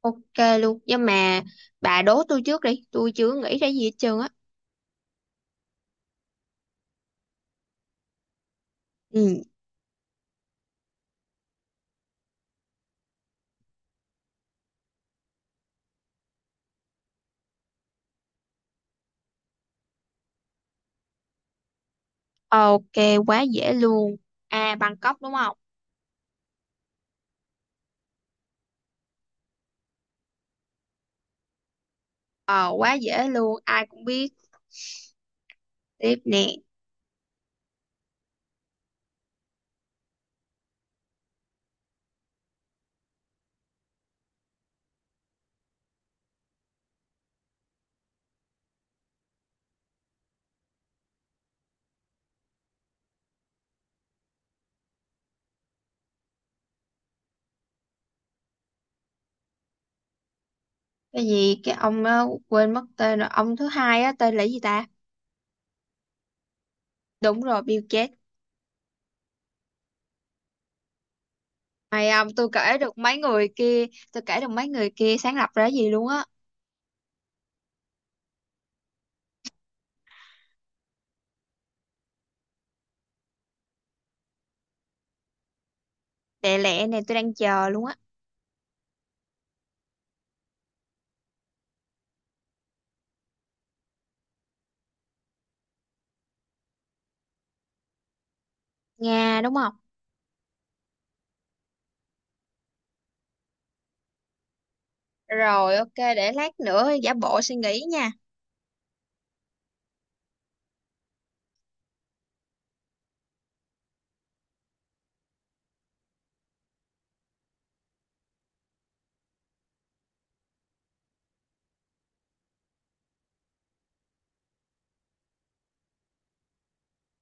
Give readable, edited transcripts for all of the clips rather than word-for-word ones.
Ok luôn. Nhưng mà bà đố tôi trước đi. Tôi chưa nghĩ ra gì hết trơn á. Ừ, ok, quá dễ luôn. À, Bangkok đúng không? Ờ, quá dễ luôn, ai cũng biết. Tiếp nè. Cái gì cái ông á, quên mất tên rồi. Ông thứ hai á tên là gì ta? Đúng rồi, Bill Gates. Mày ông tôi kể được mấy người kia. Tôi kể được mấy người kia sáng lập ra gì luôn á. Tệ lẹ này tôi đang chờ luôn á. Nga đúng không? Rồi, ok, để lát nữa giả bộ suy nghĩ nha.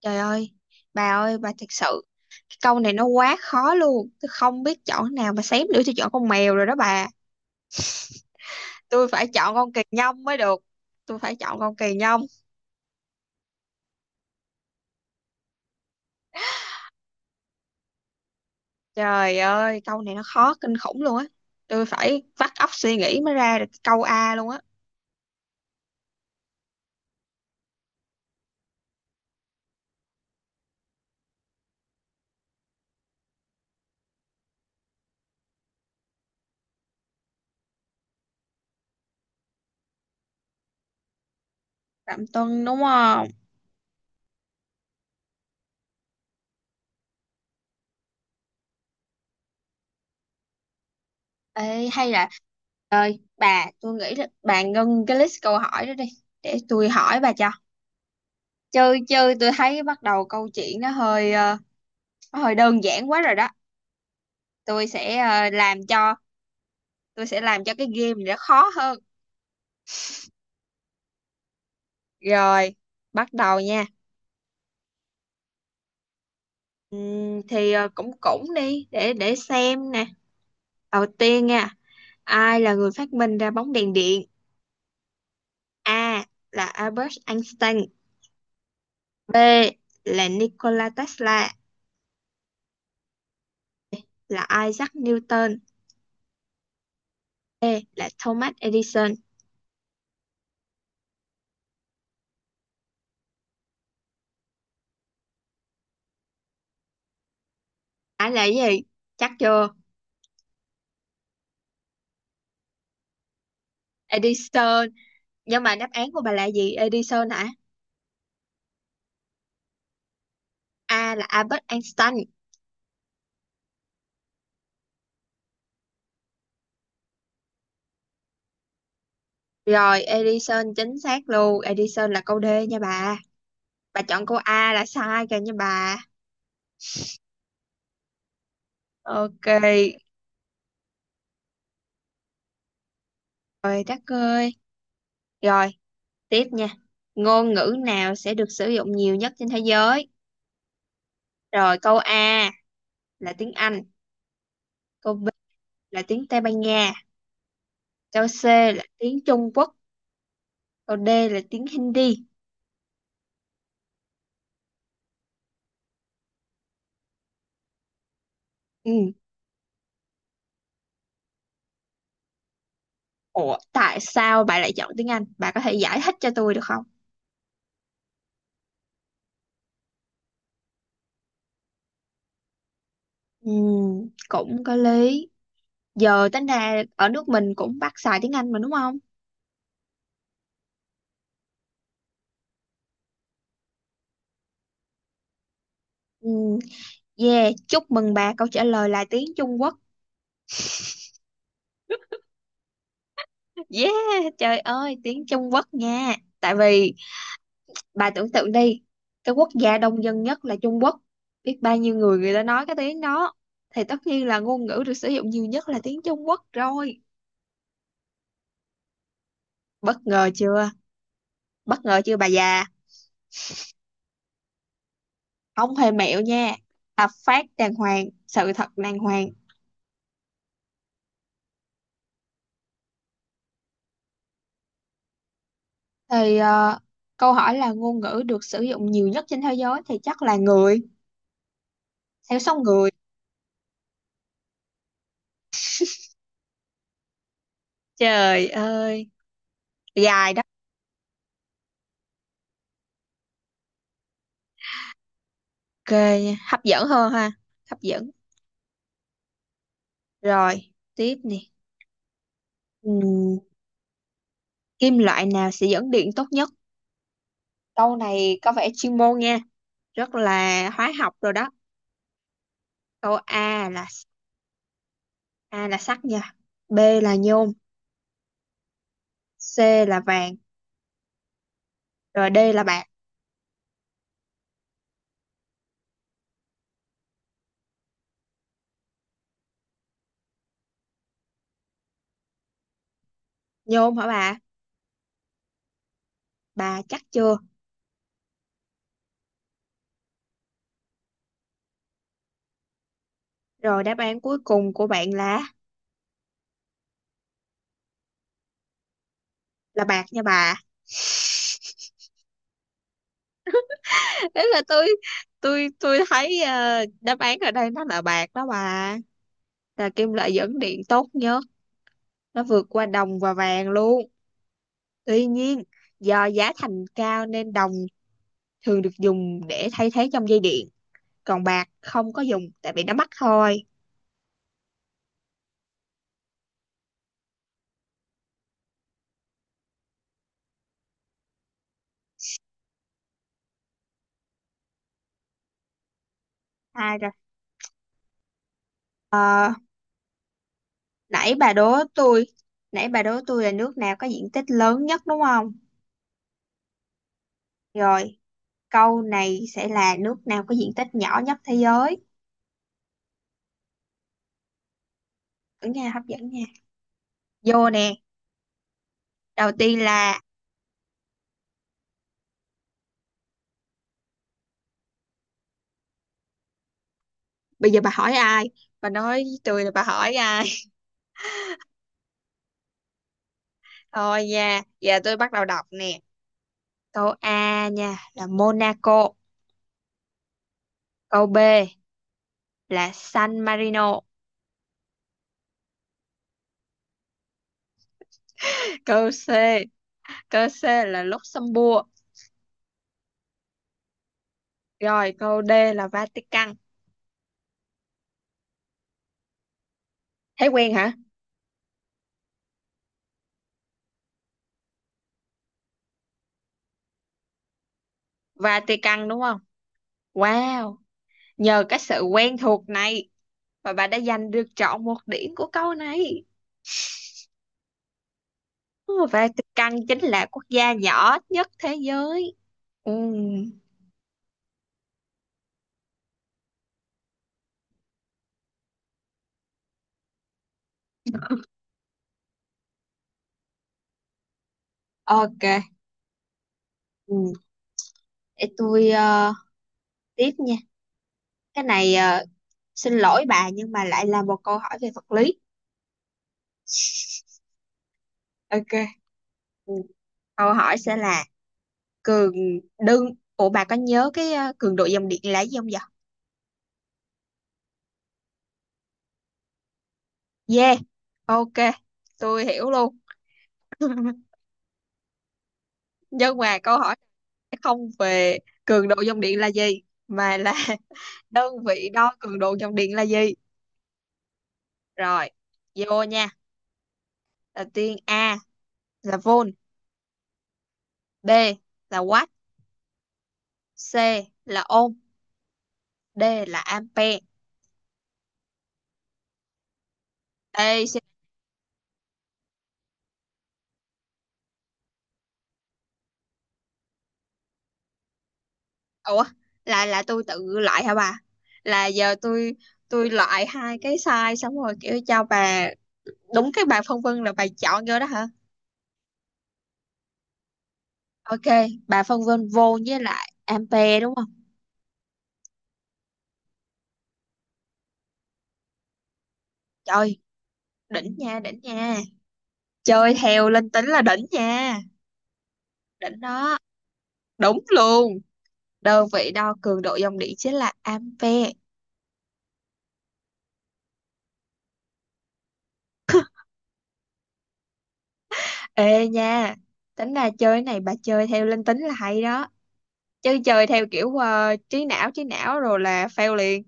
Trời ơi bà ơi, bà thật sự, câu này nó quá khó luôn, tôi không biết chọn nào mà xém nữa tôi chọn con mèo rồi đó bà. Tôi phải chọn con kỳ nhông mới được. Tôi phải chọn con kỳ nhông. Trời ơi câu này nó khó kinh khủng luôn á. Tôi phải vắt óc suy nghĩ mới ra được câu A luôn á. Phạm Tuân đúng không? Ê, hay là bà, tôi nghĩ là bà ngưng cái list câu hỏi đó đi, để tôi hỏi bà cho chơi chơi. Tôi thấy bắt đầu câu chuyện nó hơi nó hơi đơn giản quá rồi đó. Tôi sẽ làm cho, tôi sẽ làm cho cái game này nó khó hơn. Rồi, bắt đầu nha. Thì cũng cũng đi để xem nè. Đầu tiên nha, ai là người phát minh ra bóng đèn điện? A là Albert Einstein, B là Nikola Tesla, là Isaac Newton, C là Thomas Edison. Ai là cái gì? Chắc chưa? Edison. Nhưng mà đáp án của bà là gì? Edison hả? A là Albert Einstein. Rồi, Edison chính xác luôn. Edison là câu D nha bà. Bà chọn câu A là sai kìa nha bà. Ok, rồi Đắc ơi. Rồi, tiếp nha. Ngôn ngữ nào sẽ được sử dụng nhiều nhất trên thế giới? Rồi, câu A là tiếng Anh, câu B là tiếng Tây Ban Nha, câu C là tiếng Trung Quốc, câu D là tiếng Hindi. Ừ. Ủa, tại sao bà lại chọn tiếng Anh? Bà có thể giải thích cho tôi được không? Ừ, cũng có lý. Giờ tính ra ở nước mình cũng bắt xài tiếng Anh mà đúng không? Ừ, yeah, chúc mừng bà, câu trả lời là tiếng Trung Quốc. Yeah, trời ơi, tiếng Trung Quốc nha. Tại vì bà tưởng tượng đi, cái quốc gia đông dân nhất là Trung Quốc. Biết bao nhiêu người người ta nói cái tiếng đó. Thì tất nhiên là ngôn ngữ được sử dụng nhiều nhất là tiếng Trung Quốc rồi. Bất ngờ chưa? Bất ngờ chưa bà già? Không hề mẹo nha. Hợp pháp đàng hoàng, sự thật đàng hoàng. Thì câu hỏi là ngôn ngữ được sử dụng nhiều nhất trên thế giới thì chắc là người, theo số người. Trời ơi, dài đó. Ok, hấp dẫn hơn ha. Hấp dẫn. Rồi, tiếp nè. Ừm, kim loại nào sẽ dẫn điện tốt nhất? Câu này có vẻ chuyên môn nha, rất là hóa học rồi đó. Câu A là, A là sắt nha, B là nhôm, C là vàng, rồi D là bạc. Nhôm hả bà? Bà chắc chưa? Rồi đáp án cuối cùng của bạn là bạc nha bà. Thế là tôi thấy đáp án ở đây nó là bạc đó bà. Là kim loại dẫn điện tốt nhất, nó vượt qua đồng và vàng luôn. Tuy nhiên, do giá thành cao nên đồng thường được dùng để thay thế trong dây điện, còn bạc không có dùng tại vì nó mắc thôi. À rồi, nãy bà đố tôi, nãy bà đố tôi là nước nào có diện tích lớn nhất đúng không? Rồi, câu này sẽ là nước nào có diện tích nhỏ nhất thế giới. Ở nghe hấp dẫn nha. Vô nè, đầu tiên là bây giờ bà hỏi ai? Bà nói với tôi là bà hỏi ai? Thôi nha, giờ tôi bắt đầu đọc nè. Câu A nha là Monaco, câu B là San Marino, câu C câu C là Luxembourg, rồi câu D là Vatican. Thấy quen hả? Vatican đúng không? Wow, nhờ cái sự quen thuộc này mà bà đã giành được trọn một điểm của câu này. Ừ, Vatican chính là quốc gia nhỏ nhất thế giới. Ừ, ok, ừ. Để tôi tiếp nha. Cái này xin lỗi bà nhưng mà lại là một câu hỏi về vật lý. Ok. Ừ. Câu hỏi sẽ là cường đơn. Ủa bà có nhớ cái cường độ dòng điện là gì không vậy? Yeah. Ok. Tôi hiểu luôn. Nhưng mà câu hỏi sẽ không về cường độ dòng điện là gì mà là đơn vị đo cường độ dòng điện là gì. Rồi, vô nha. Đầu tiên A là volt, B là watt, C là ohm, D là ampere. Đây, ủa là tôi tự loại hả bà, là giờ tôi loại hai cái size xong rồi kiểu cho bà đúng cái bà phân vân là bà chọn vô đó hả. Ok, bà phân vân vô với lại ampere đúng không? Trời, đỉnh nha đỉnh nha, chơi theo linh tính là đỉnh nha. Đỉnh đó, đúng luôn, đơn vị đo cường độ dòng điện chính là ampere. Ê nha, tính ra chơi cái này bà chơi theo linh tính là hay đó, chứ chơi theo kiểu trí não rồi là fail liền.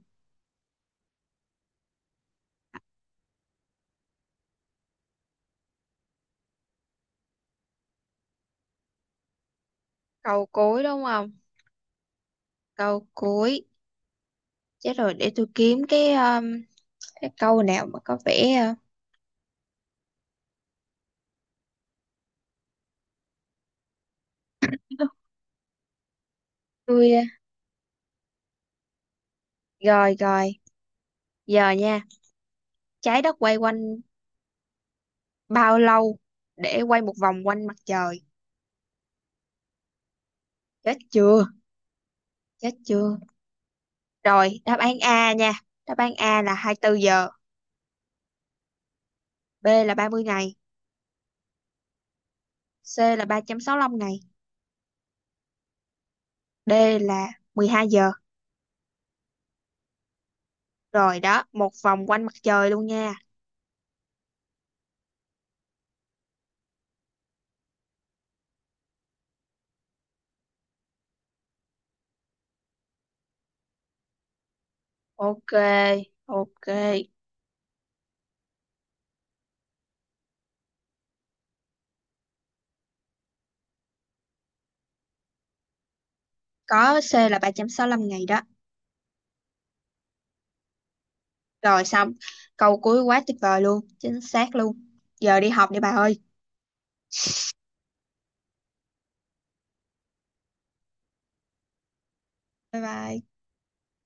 Câu cuối đúng không? Câu cuối, chết rồi, để tôi kiếm cái câu nào mà có vẻ tôi rồi rồi, giờ nha, trái đất quay quanh bao lâu để quay một vòng quanh mặt trời. Chết chưa? Chết chưa? Rồi, đáp án A nha, đáp án A là 24 giờ, B là 30 ngày, C là 365 ngày, D là 12 giờ. Rồi đó, một vòng quanh mặt trời luôn nha. Ok, ok, có C là 365 ngày đó. Rồi xong, câu cuối quá tuyệt vời luôn, chính xác luôn. Giờ đi học đi bà ơi. Bye bye.